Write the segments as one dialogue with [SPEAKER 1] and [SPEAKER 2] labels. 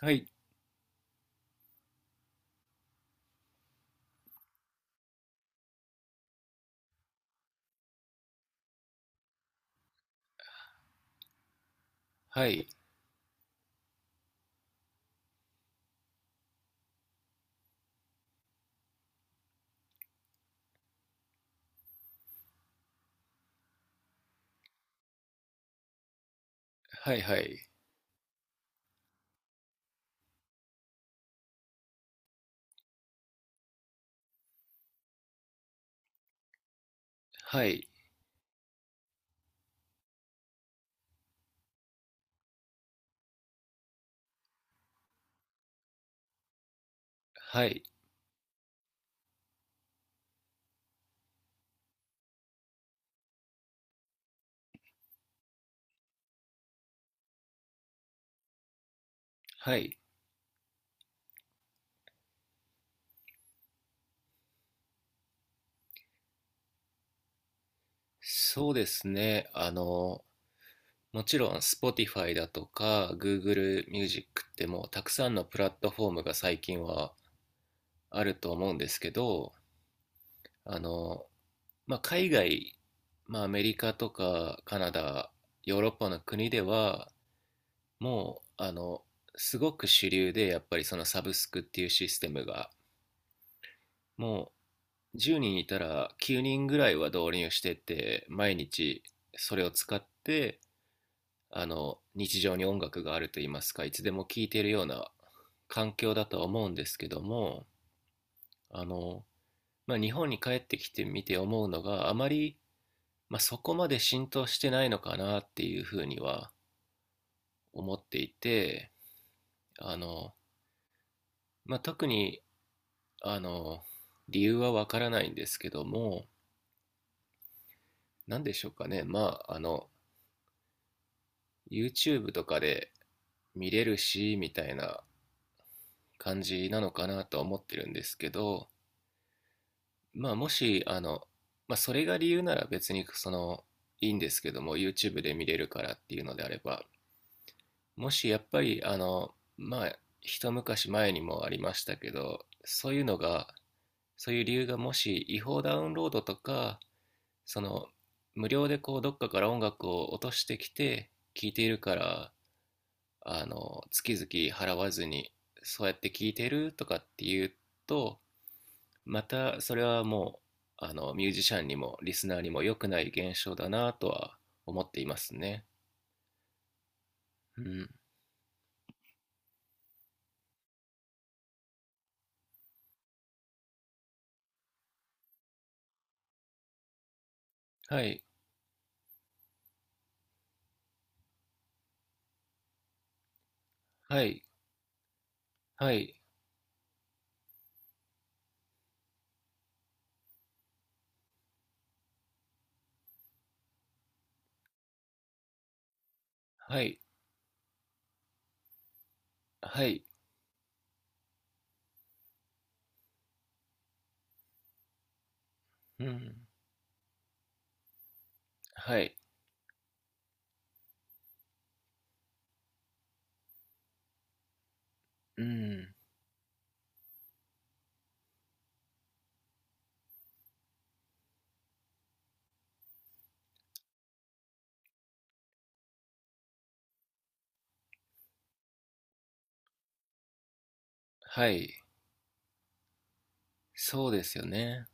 [SPEAKER 1] はい、はい、はい、はい、はい、はい、はい。そうですね。もちろん Spotify だとか Google Music ってもうたくさんのプラットフォームが最近はあると思うんですけど、あの、まあ、海外、まあ、アメリカとかカナダ、ヨーロッパの国ではもう、すごく主流でやっぱりそのサブスクっていうシステムがも10人いたら9人ぐらいは導入してって毎日それを使って、日常に音楽があると言いますか、いつでも聴いているような環境だとは思うんですけども、あの、まあ、日本に帰ってきてみて思うのがあまり、まあ、そこまで浸透してないのかなっていうふうには思っていて、あの、まあ、特にあの理由はわからないんですけども、何でしょうかね、まあYouTube とかで見れるしみたいな感じなのかなとは思ってるんですけど、まあ、もしまあ、それが理由なら別にそのいいんですけども、 YouTube で見れるからっていうのであれば、もしやっぱりまあ一昔前にもありましたけど、そういうのが、そういう理由がもし違法ダウンロードとか、その無料でこうどっかから音楽を落としてきて聴いているから、月々払わずに、そうやって聞いてるとかって言うと、またそれはもう、ミュージシャンにもリスナーにも良くない現象だなとは思っていますね。うん。はい、はい、はい、はい、はい、うん、はい、うん、はい、そうですよね。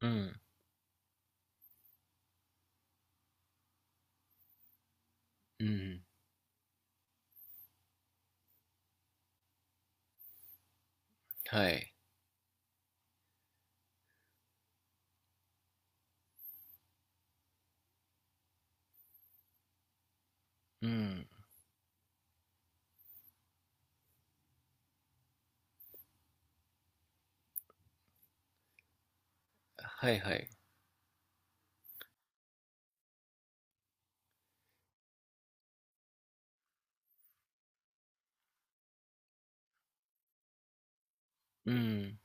[SPEAKER 1] うん、うん、はい、うん、はい、はい、うん。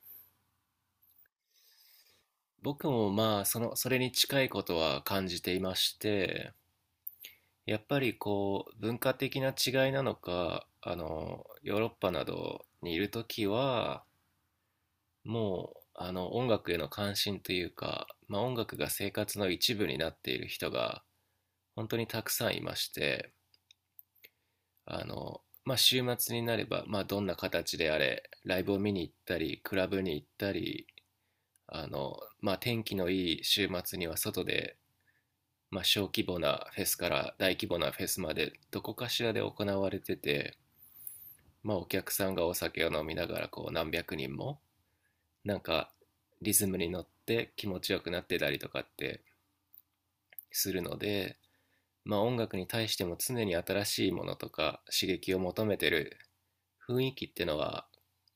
[SPEAKER 1] 僕もまあ、その、それに近いことは感じていまして、やっぱりこう文化的な違いなのか、ヨーロッパなどにいるときはもう、音楽への関心というか、まあ、音楽が生活の一部になっている人が本当にたくさんいまして、あの、まあ、週末になれば、まあ、どんな形であれライブを見に行ったりクラブに行ったり、まあ、天気のいい週末には外で、まあ、小規模なフェスから大規模なフェスまでどこかしらで行われてて。まあ、お客さんがお酒を飲みながら、こう何百人もなんかリズムに乗って気持ちよくなってたりとかってするので、まあ、音楽に対しても常に新しいものとか刺激を求めてる雰囲気っていうのは、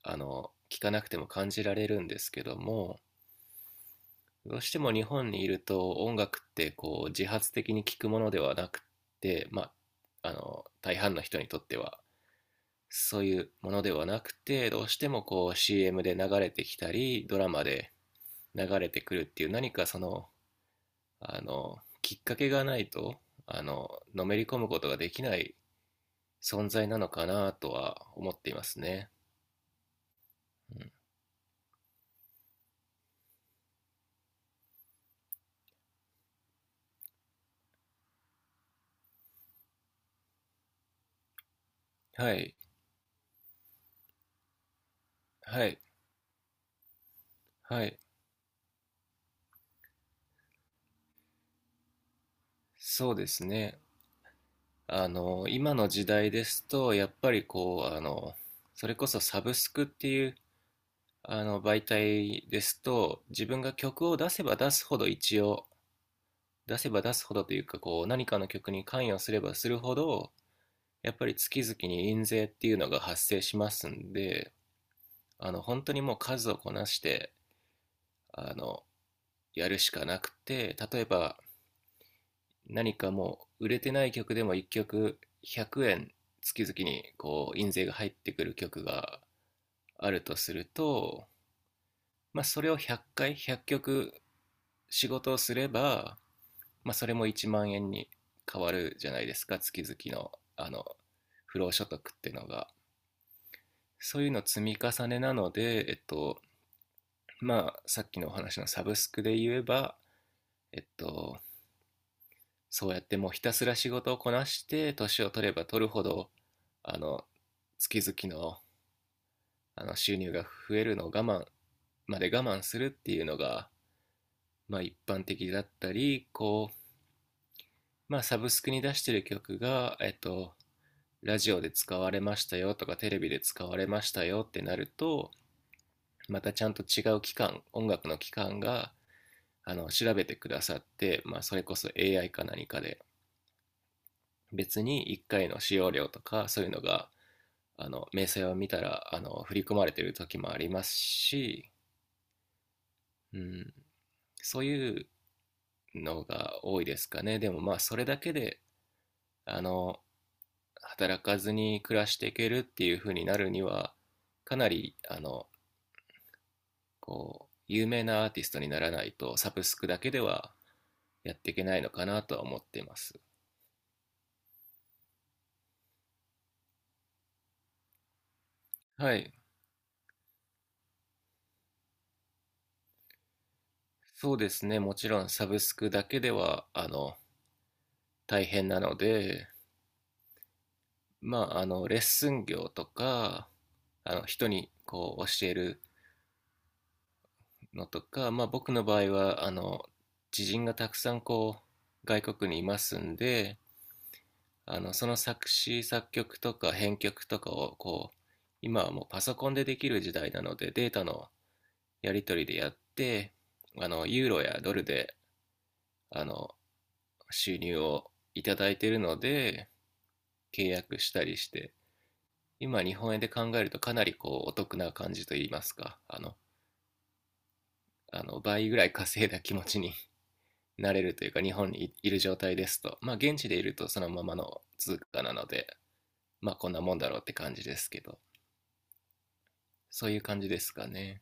[SPEAKER 1] 聞かなくても感じられるんですけども、どうしても日本にいると音楽ってこう自発的に聴くものではなくて、まあ、大半の人にとってはそういうものではなくて、どうしてもこう CM で流れてきたり、ドラマで流れてくるっていう何かその、きっかけがないと、あの、のめり込むことができない存在なのかなとは思っていますね。うん、はい、はい、はい。そうですね。今の時代ですと、やっぱりこう、それこそサブスクっていう、媒体ですと、自分が曲を出せば出すほど一応、出せば出すほどというかこう何かの曲に関与すればするほどやっぱり月々に印税っていうのが発生しますんで、本当にもう数をこなして、あのやるしかなくて、例えば何かもう売れてない曲でも1曲100円月々にこう印税が入ってくる曲があるとすると、まあ、それを100回100曲仕事をすれば、まあ、それも1万円に変わるじゃないですか、月々の不労所得っていうのが。そういうの積み重ねなので、まあ、さっきのお話のサブスクで言えば、えっと、そうやってもうひたすら仕事をこなして年を取れば取るほど、あの月々の収入が増えるのを我慢、まで我慢するっていうのが、まあ、一般的だったり、こう、まあ、サブスクに出してる曲が、ラジオで使われましたよとかテレビで使われましたよってなると、またちゃんと違う機関、音楽の機関が調べてくださって、まあ、それこそ AI か何かで別に1回の使用料とかそういうのが明細を見たら振り込まれてる時もありますし、うん、そういうのが多いですかね。でもまあそれだけであの働かずに暮らしていけるっていう風になるには、かなりこう、有名なアーティストにならないと、サブスクだけではやっていけないのかなとは思っています。はい。そうですね。もちろんサブスクだけでは、大変なので、まあ、レッスン業とか、人にこう教えるのとか、まあ僕の場合は、知人がたくさんこう、外国にいますんで、その作詞、作曲とか編曲とかをこう、今はもうパソコンでできる時代なのでデータのやり取りでやって、ユーロやドルで、あの収入をいただいているので、契約したりして、今日本円で考えるとかなりこうお得な感じといいますか、あの倍ぐらい稼いだ気持ちに なれるというか、日本にいる状態ですと、まあ現地でいるとそのままの通貨なので、まあこんなもんだろうって感じですけど、そういう感じですかね。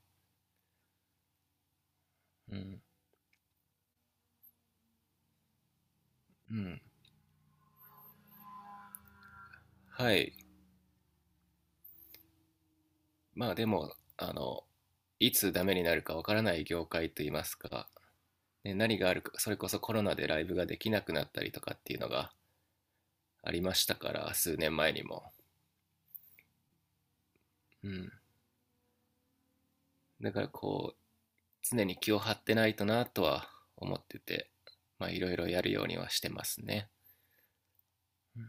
[SPEAKER 1] うん。うん。はい。まあでも、いつダメになるかわからない業界といいますかね、何があるか、それこそコロナでライブができなくなったりとかっていうのがありましたから、数年前にも。うん。だからこう、常に気を張ってないとなとは思ってて、まあいろいろやるようにはしてますね。うん、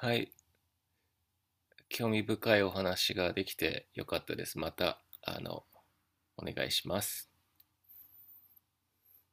[SPEAKER 1] はい。興味深いお話ができてよかったです。また、お願いします。